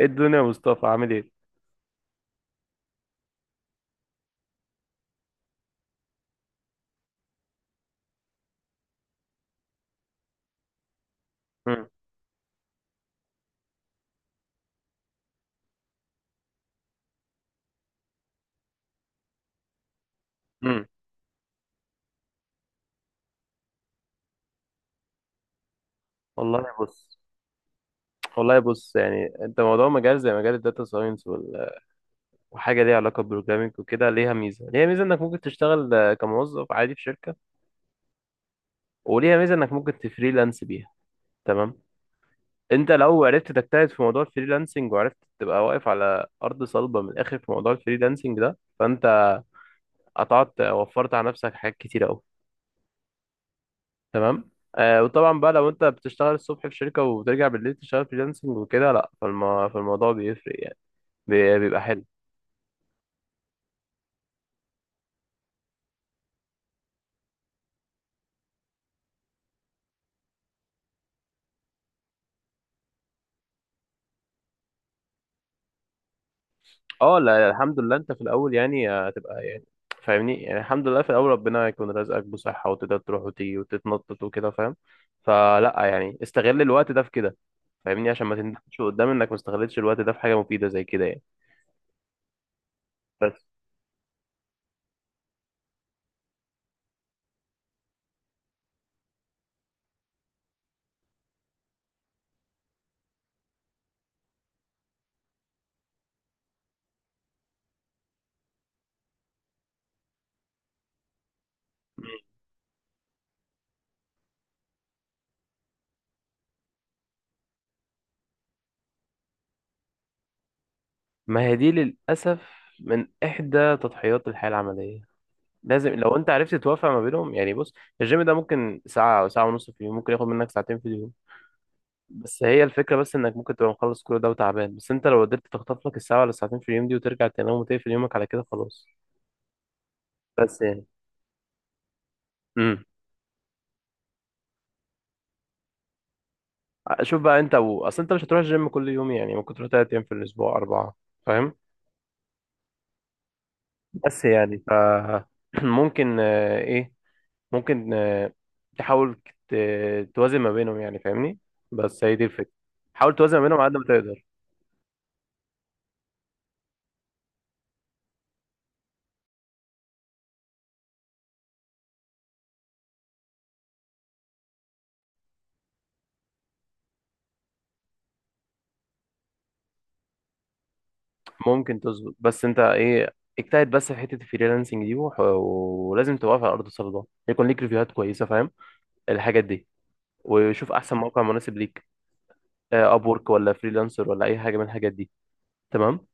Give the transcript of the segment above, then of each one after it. ايه الدنيا يا مصطفى عامل ايه؟ مم. مم. والله بص. والله بص، يعني انت موضوع مجال زي مجال الداتا ساينس وحاجه ليها علاقه بالبروجرامنج وكده، ليها ميزه انك ممكن تشتغل كموظف عادي في شركه، وليها ميزه انك ممكن تفريلانس بيها. تمام. انت لو عرفت تجتهد في موضوع الفريلانسنج، وعرفت تبقى واقف على ارض صلبه من الاخر في موضوع الفريلانسنج ده، فانت قطعت وفرت على نفسك حاجات كتير قوي. تمام آه. وطبعا بقى لو انت بتشتغل الصبح في شركة وبترجع بالليل تشتغل فريلانسنج وكده، لا فالموضوع بيفرق يعني. بيبقى حلو. اه لا الحمد لله، انت في الاول يعني هتبقى يعني فاهمني، يعني الحمد لله في الاول ربنا يكون رزقك بصحة وتقدر تروح وتيجي وتتنطط وكده، فاهم؟ فلا يعني استغل الوقت ده في كده، فاهمني، عشان ما تندمش قدام انك ما استغلتش الوقت ده في حاجة مفيدة زي كده يعني. ما هي دي للأسف من إحدى تضحيات الحياة العملية، لازم لو انت عرفت توافق ما بينهم. يعني بص، الجيم ده ممكن ساعة او ساعة ونص في اليوم، ممكن ياخد منك ساعتين في اليوم، بس هي الفكرة، بس انك ممكن تبقى مخلص كل ده وتعبان، بس انت لو قدرت تخطف لك الساعة ولا الساعتين في اليوم دي وترجع تنام وتقفل يومك على كده، خلاص. بس يعني امم، شوف بقى اصل انت مش هتروح الجيم كل يوم، يعني ممكن تروح تلات ايام في الاسبوع، اربعة، فاهم؟ بس يعني ف ممكن ايه، ممكن آه، تحاول توازن ما بينهم، يعني فاهمني، بس هي دي الفكرة. حاول توازن ما بينهم على قد ما تقدر. ممكن تظبط، بس انت ايه، اجتهد بس في حته الفريلانسنج دي، ولازم تبقى على ارض الصلبه، يكون ليك ريفيوهات كويسه، فاهم؟ الحاجات دي، وشوف احسن موقع مناسب ليك، اب وورك ولا فريلانسر ولا اي حاجه من الحاجات دي. تمام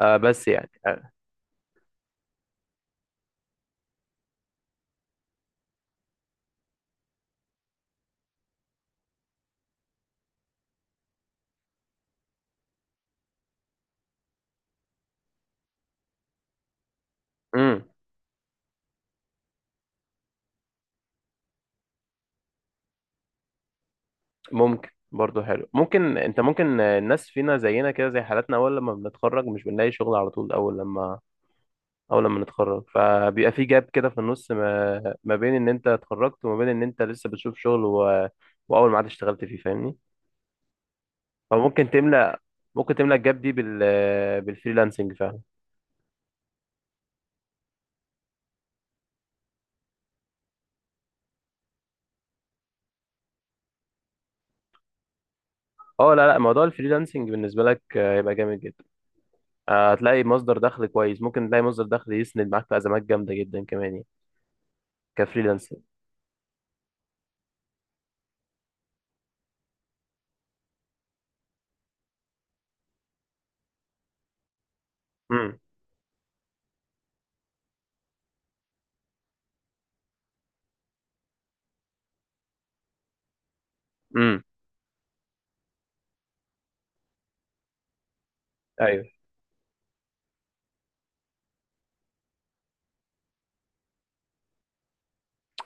آه. بس يعني آه. مم. ممكن برضه حلو، ممكن انت ممكن آه، الناس فينا زينا كده زي حالاتنا، اول لما بنتخرج مش بنلاقي شغل على طول، اول لما نتخرج فبيبقى في جاب كده في النص ما بين ان انت اتخرجت وما بين ان انت لسه بتشوف شغل واول ما عاد اشتغلت فيه، فاهمني. فممكن تملأ ممكن تملأ الجاب دي بالفريلانسنج فعلا. اه لا لا، موضوع الفريلانسنج بالنسبة لك هيبقى جامد جدا. هتلاقي مصدر دخل كويس، ممكن تلاقي مصدر دخل يسند معاك في أزمات جامدة جدا كمان يعني، كفريلانسنج. امم امم. ايوه،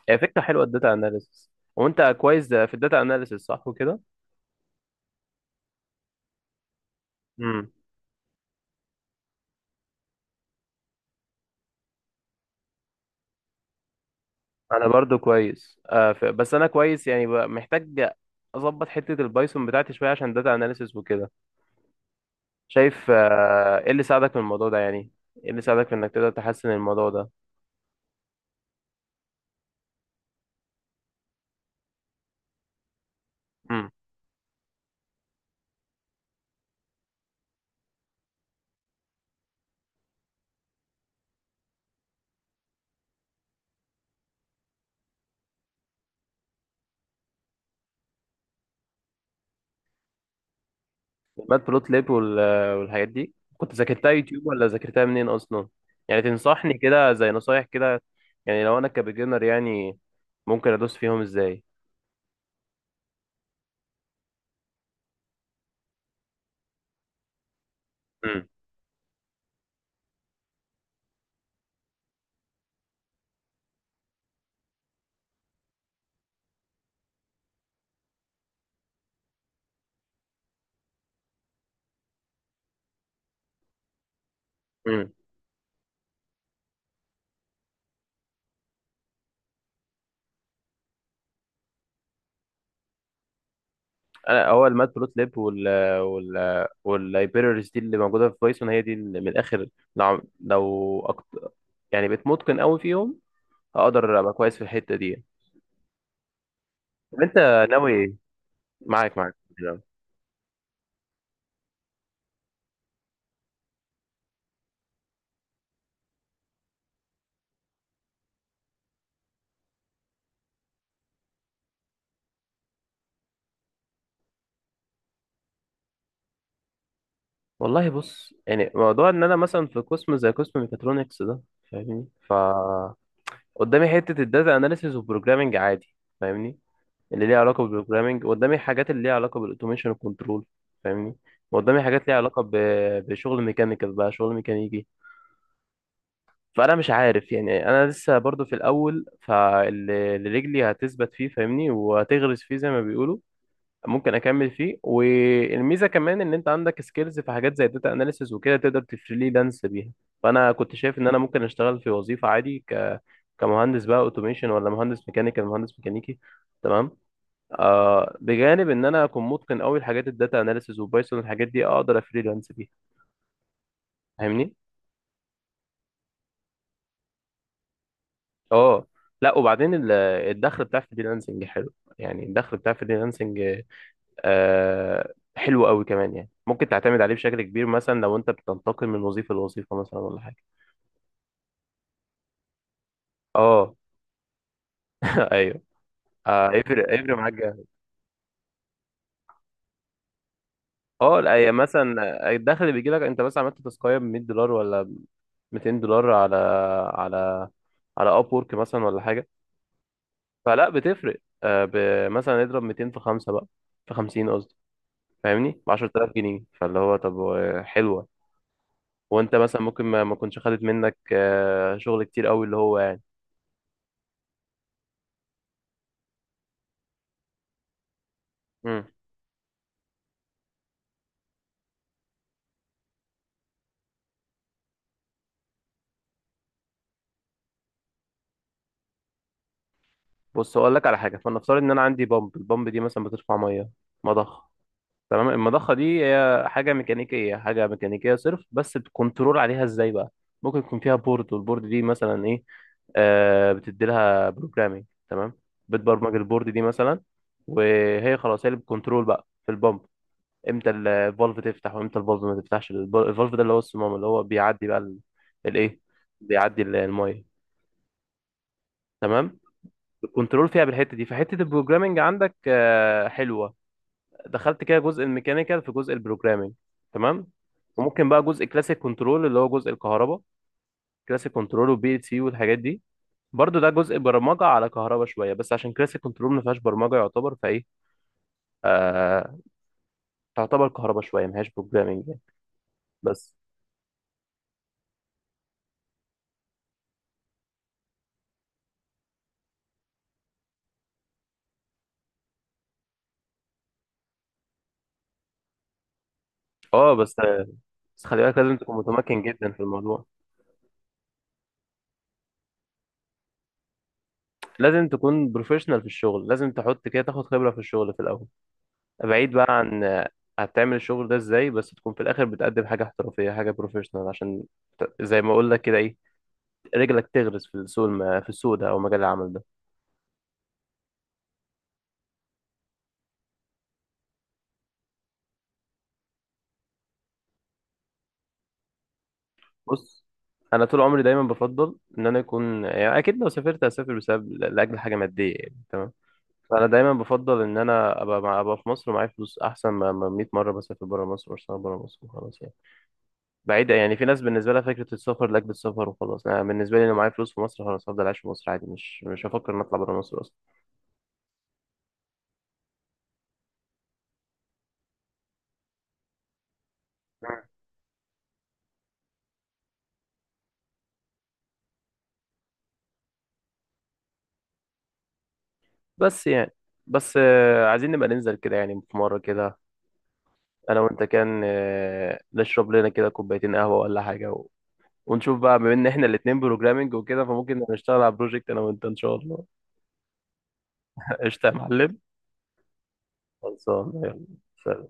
هي فكرة حلوة الداتا اناليسيس. وانت كويس في الداتا اناليسيس صح وكده؟ امم. انا برضو كويس بس انا كويس يعني محتاج اظبط حتة البايثون بتاعتي شوية عشان داتا اناليسيس وكده. شايف ايه اللي ساعدك في الموضوع ده يعني؟ ايه اللي ساعدك في انك تقدر تحسن الموضوع ده؟ امم. المات بلوت ليب والحاجات دي كنت ذاكرتها يوتيوب ولا ذاكرتها منين اصلا؟ يعني تنصحني كده زي نصايح كده، يعني لو انا كبيجنر يعني، ممكن ادوس فيهم ازاي؟ امم امم. انا هو المات بلوت ليب وال واللايبريز دي اللي موجوده في بايثون، هي دي اللي من الاخر. لو يعني بقيت متقن قوي فيهم، هقدر ابقى كويس في الحته دي. طب انت ناوي إيه؟ معاك معاك. والله بص، يعني موضوع ان انا مثلا في قسم زي قسم ميكاترونكس ده، فاهمني ف، قدامي حته الداتا اناليسيز وبروجرامنج عادي، فاهمني، اللي ليها علاقه بالبروجرامنج. قدامي حاجات اللي ليها علاقه بالاوتوميشن والكنترول، فاهمني، وقدامي حاجات ليها علاقه بشغل ميكانيكال بقى، شغل ميكانيكي. فانا مش عارف يعني، انا لسه برضو في الاول، فاللي رجلي هتثبت فيه فاهمني، وهتغرس فيه زي ما بيقولوا، ممكن اكمل فيه. والميزه كمان ان انت عندك سكيلز في حاجات زي داتا اناليسز وكده، تقدر تفريلانس بيها. فانا كنت شايف ان انا ممكن اشتغل في وظيفه عادي، ك، كمهندس بقى اوتوميشن ولا مهندس ميكانيكال، مهندس ميكانيكي. تمام آه. بجانب ان انا اكون متقن قوي لحاجات الداتا اناليسز وبايثون، الحاجات دي اقدر افريلانس بيها، فاهمني. اه لا وبعدين الدخل بتاع الفريلانسنج حلو. يعني الدخل بتاع الفريلانسنج حلو قوي كمان، يعني ممكن تعتمد عليه بشكل كبير مثلا لو انت بتنتقل من وظيفه لوظيفه مثلا ولا حاجه. اه ايوه. هيفرق، هيفرق معاك جامد. اه لا، هي مثلا الدخل اللي بيجي لك انت مثلا عملت تسقيه ب 100 دولار ولا 200 دولار على على على اب وورك مثلا ولا حاجه، فلا بتفرق. مثلا اضرب 200 في 5 بقى، في 50 قصدي، فاهمني، ب 10000 جنيه، فاللي هو طب حلوه. وانت مثلا ممكن ما كنتش خدت منك شغل كتير قوي اللي هو يعني. بص اقول لك على حاجه، فلنفترض ان انا عندي بامب، البامب دي مثلا بترفع ميه، مضخه. تمام. المضخه دي هي حاجه ميكانيكيه، حاجه ميكانيكيه صرف، بس الكنترول عليها ازاي بقى؟ ممكن يكون فيها بورد، والبورد دي مثلا ايه، آه بتدي لها بروجرامينج. تمام. بتبرمج البورد دي مثلا، وهي خلاص هي اللي بتكنترول بقى في البامب، امتى الفالف تفتح وامتى الفالف ما تفتحش. الفالف ده اللي هو الصمام، اللي هو بيعدي بقى ال- الايه بيعدي الميه. تمام. كنترول فيها بالحته دي، فحته البروجرامنج عندك حلوه. دخلت كده جزء الميكانيكال في جزء البروجرامنج. تمام. وممكن بقى جزء كلاسيك كنترول اللي هو جزء الكهرباء، كلاسيك كنترول وبي ال سي والحاجات دي. برضو ده جزء برمجه على كهرباء شويه، بس عشان كلاسيك كنترول ما فيهاش برمجه يعتبر فايه، آه، تعتبر كهرباء شويه ما فيهاش بروجرامنج يعني. بس اه، بس آه، بس خلي بالك لازم تكون متمكن جدا في الموضوع. لازم تكون بروفيشنال في الشغل، لازم تحط كده تاخد خبره في الشغل في الاول، بعيد بقى عن هتعمل الشغل ده ازاي، بس تكون في الاخر بتقدم حاجه احترافيه، حاجه بروفيشنال، عشان زي ما اقول لك كده ايه، رجلك تغرز في السوق في السوق ده او مجال العمل ده. بص، انا طول عمري دايما بفضل ان انا اكون، يعني اكيد لو سافرت هسافر بسبب لاجل حاجه ماديه يعني. تمام. فانا دايما بفضل ان انا ابقى ابقى في مصر ومعايا فلوس، احسن ما 100 مره بسافر بره مصر واشتغل بره مصر وخلاص يعني. بعيدة يعني، في ناس بالنسبة لها فكرة السفر لأجل السفر وخلاص. أنا بالنسبة لي لو معايا فلوس في مصر خلاص هفضل عايش في مصر عادي، مش هفكر إن أطلع برا مصر أصلا. مم. بس يعني، بس عايزين نبقى ننزل كده يعني في مرة كده، أنا وأنت، كان نشرب لنا كده كوبايتين قهوة ولا حاجة، ونشوف بقى بما إن إحنا الاتنين بروجرامينج وكده، فممكن نشتغل على بروجكت أنا وأنت إن شاء الله. قشطة يا معلم. خلصان يلا. سلام.